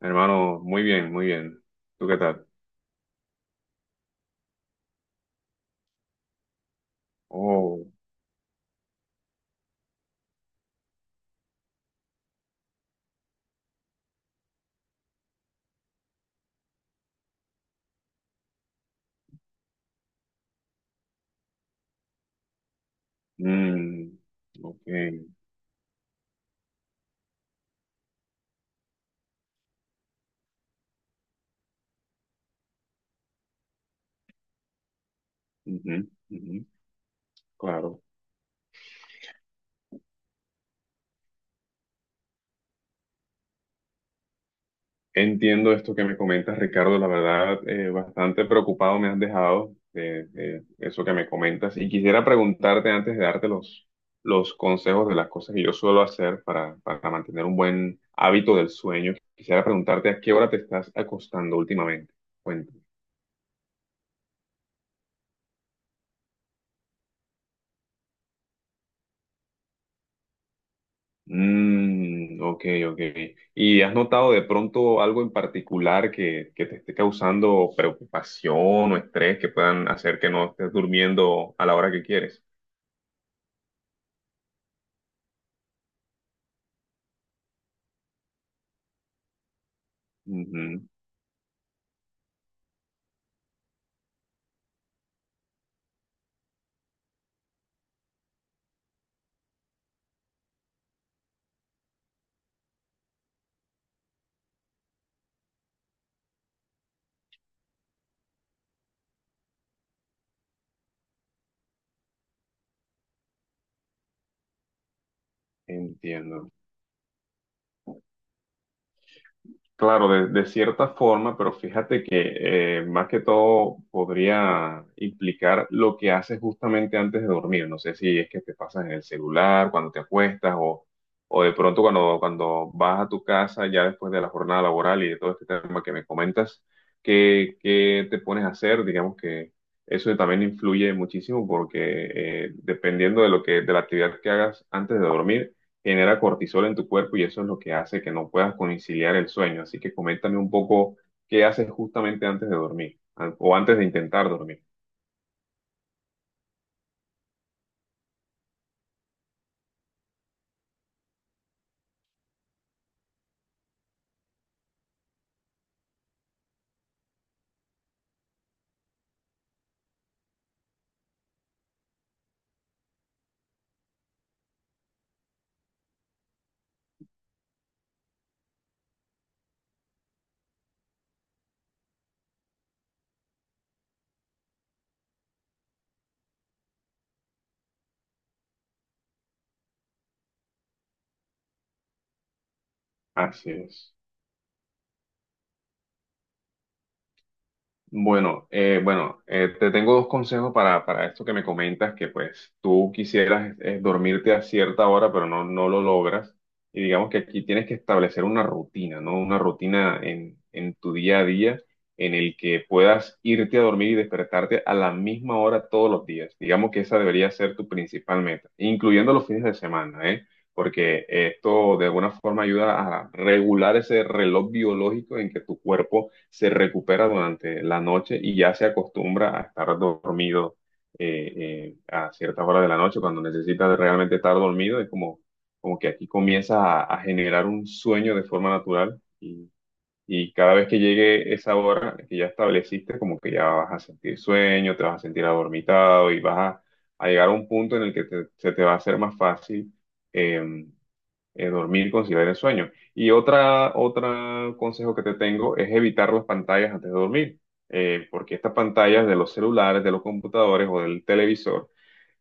Hermano, muy bien, muy bien. ¿Tú qué tal? Oh, mm, ok. Ujú, ujú, claro. Entiendo esto que me comentas, Ricardo. La verdad, bastante preocupado me has dejado de eso que me comentas. Y quisiera preguntarte antes de darte los consejos de las cosas que yo suelo hacer para mantener un buen hábito del sueño. Quisiera preguntarte a qué hora te estás acostando últimamente. Mm, ok, ok. ¿Y has notado de pronto algo en particular que te esté causando preocupación o estrés que puedan hacer que no estés durmiendo a la hora que quieres? Ujú, entiendo. Claro, de cierta forma, pero fíjate que más que todo podría implicar lo que haces justamente antes de dormir. No sé si es que te pasas en el celular, cuando te acuestas o de pronto cuando vas a tu casa ya después de la jornada laboral y de todo este tema que me comentas, ¿qué te pones a hacer? Digamos que eso también influye muchísimo porque dependiendo de de la actividad que hagas antes de dormir genera cortisol en tu cuerpo y eso es lo que hace que no puedas conciliar el sueño. Así que coméntame un poco qué haces justamente antes de dormir o antes de intentar dormir. Así es. Bueno, te tengo dos consejos para esto que me comentas, que pues tú quisieras dormirte a cierta hora, pero no lo logras. Y digamos que aquí tienes que establecer una rutina, ¿no? Una rutina en tu día a día en el que puedas irte a dormir y despertarte a la misma hora todos los días. Digamos que esa debería ser tu principal meta, incluyendo los fines de semana, ¿eh? Porque esto de alguna forma ayuda a regular ese reloj biológico en que tu cuerpo se recupera durante la noche y ya se acostumbra a estar dormido eh, a ciertas horas de la noche, cuando necesita realmente estar dormido, es como, como que aquí comienza a generar un sueño de forma natural y cada vez que llegue esa hora que ya estableciste, como que ya vas a sentir sueño, te vas a sentir adormitado y a llegar a un punto en el que se te va a hacer más fácil eh, dormir, conciliar el sueño. Y otro consejo que te tengo es evitar las pantallas antes de dormir, porque estas pantallas de los celulares, de los computadores o del televisor,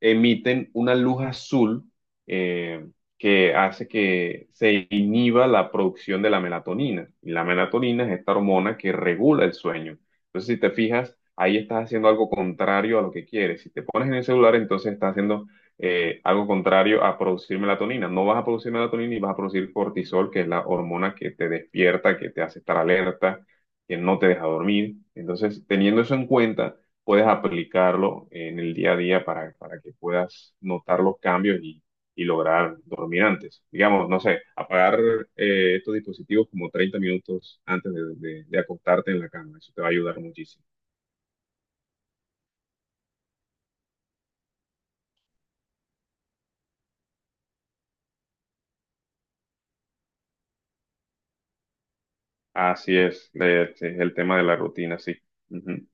emiten una luz azul eh, que hace que se inhiba la producción de la melatonina. Y la melatonina es esta hormona que regula el sueño. Entonces, si te fijas, ahí estás haciendo algo contrario a lo que quieres. Si te pones en el celular, entonces estás haciendo algo contrario a producir melatonina. No vas a producir melatonina y vas a producir cortisol, que es la hormona que te despierta, que te hace estar alerta, que no te deja dormir. Entonces, teniendo eso en cuenta, puedes aplicarlo en el día a día para que puedas notar los cambios y lograr dormir antes. Digamos, no sé, apagar estos dispositivos como 30 minutos antes de acostarte en la cama. Eso te va a ayudar muchísimo. Así es, es el tema de la rutina, sí. Ujú.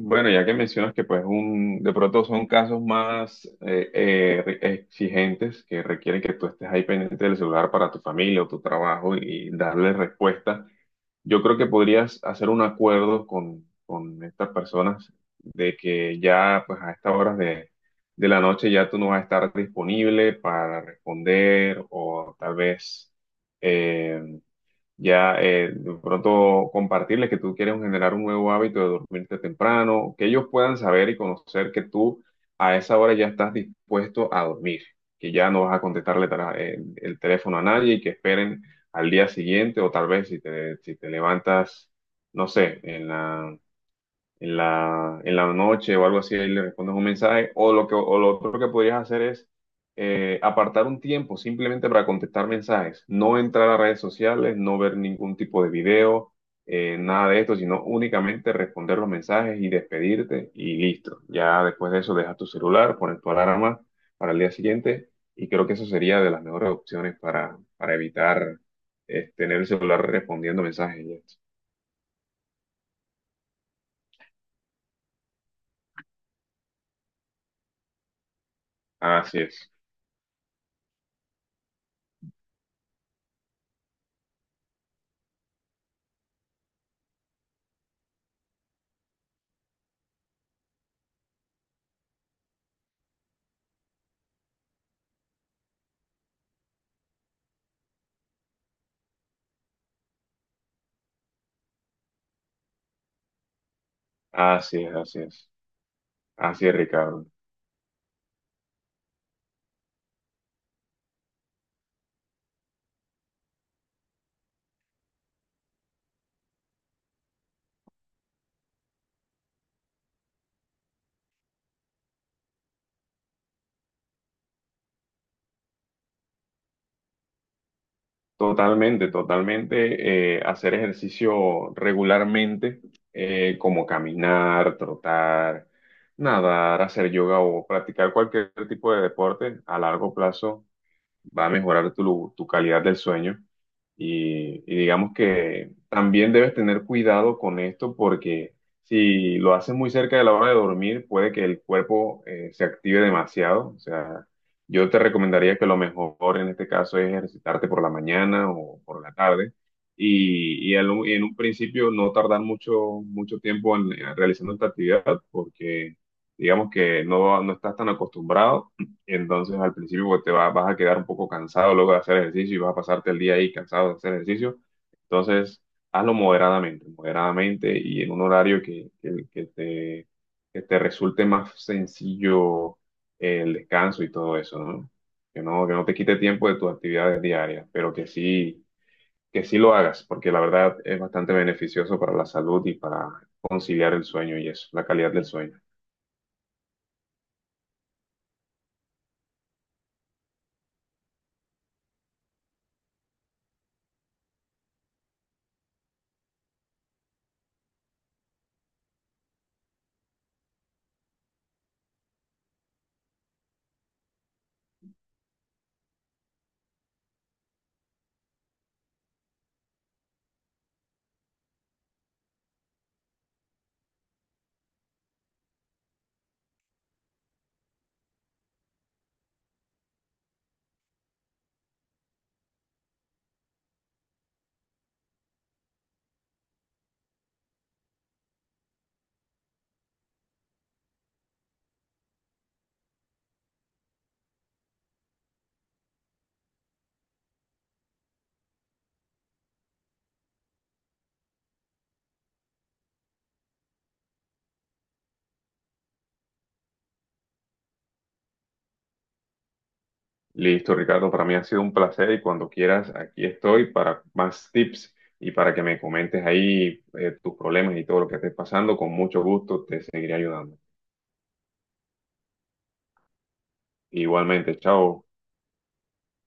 Bueno, ya que mencionas que pues un, de pronto son casos más exigentes que requieren que tú estés ahí pendiente del celular para tu familia o tu trabajo y darle respuesta. Yo creo que podrías hacer un acuerdo con estas personas de que ya pues a estas horas de la noche ya tú no vas a estar disponible para responder o tal vez eh, ya de pronto compartirles que tú quieres generar un nuevo hábito de dormirte temprano, que ellos puedan saber y conocer que tú a esa hora ya estás dispuesto a dormir, que ya no vas a contestarle el teléfono a nadie y que esperen al día siguiente o tal vez si te levantas, no sé, en la noche o algo así, ahí le respondes un mensaje, o o lo otro que podrías hacer es apartar un tiempo simplemente para contestar mensajes, no entrar a redes sociales, no ver ningún tipo de video, nada de esto, sino únicamente responder los mensajes y despedirte y listo. Ya después de eso dejas tu celular, pones tu alarma para el día siguiente y creo que eso sería de las mejores opciones para evitar tener el celular respondiendo mensajes. Y esto. Así es, así es. Así es, Ricardo. Totalmente, totalmente. Hacer ejercicio regularmente, como caminar, trotar, nadar, hacer yoga o practicar cualquier tipo de deporte a largo plazo va a mejorar tu calidad del sueño. Y digamos que también debes tener cuidado con esto porque si lo haces muy cerca de la hora de dormir, puede que el cuerpo se active demasiado. O sea, yo te recomendaría que lo mejor en este caso es ejercitarte por la mañana o por la tarde. Y en un principio no tardar mucho tiempo en, realizando esta actividad porque digamos que no estás tan acostumbrado entonces al principio pues, vas a quedar un poco cansado luego de hacer ejercicio y vas a pasarte el día ahí cansado de hacer ejercicio. Entonces hazlo moderadamente, moderadamente y en un horario que te resulte más sencillo el descanso y todo eso, ¿no? Que que no te quite tiempo de tus actividades diarias, pero que sí lo hagas, porque la verdad es bastante beneficioso para la salud y para conciliar el sueño y eso, la calidad del sueño. Listo, Ricardo, para mí ha sido un placer y cuando quieras, aquí estoy para más tips y para que me comentes ahí tus problemas y todo lo que estés pasando. Con mucho gusto te seguiré ayudando. Igualmente, chao.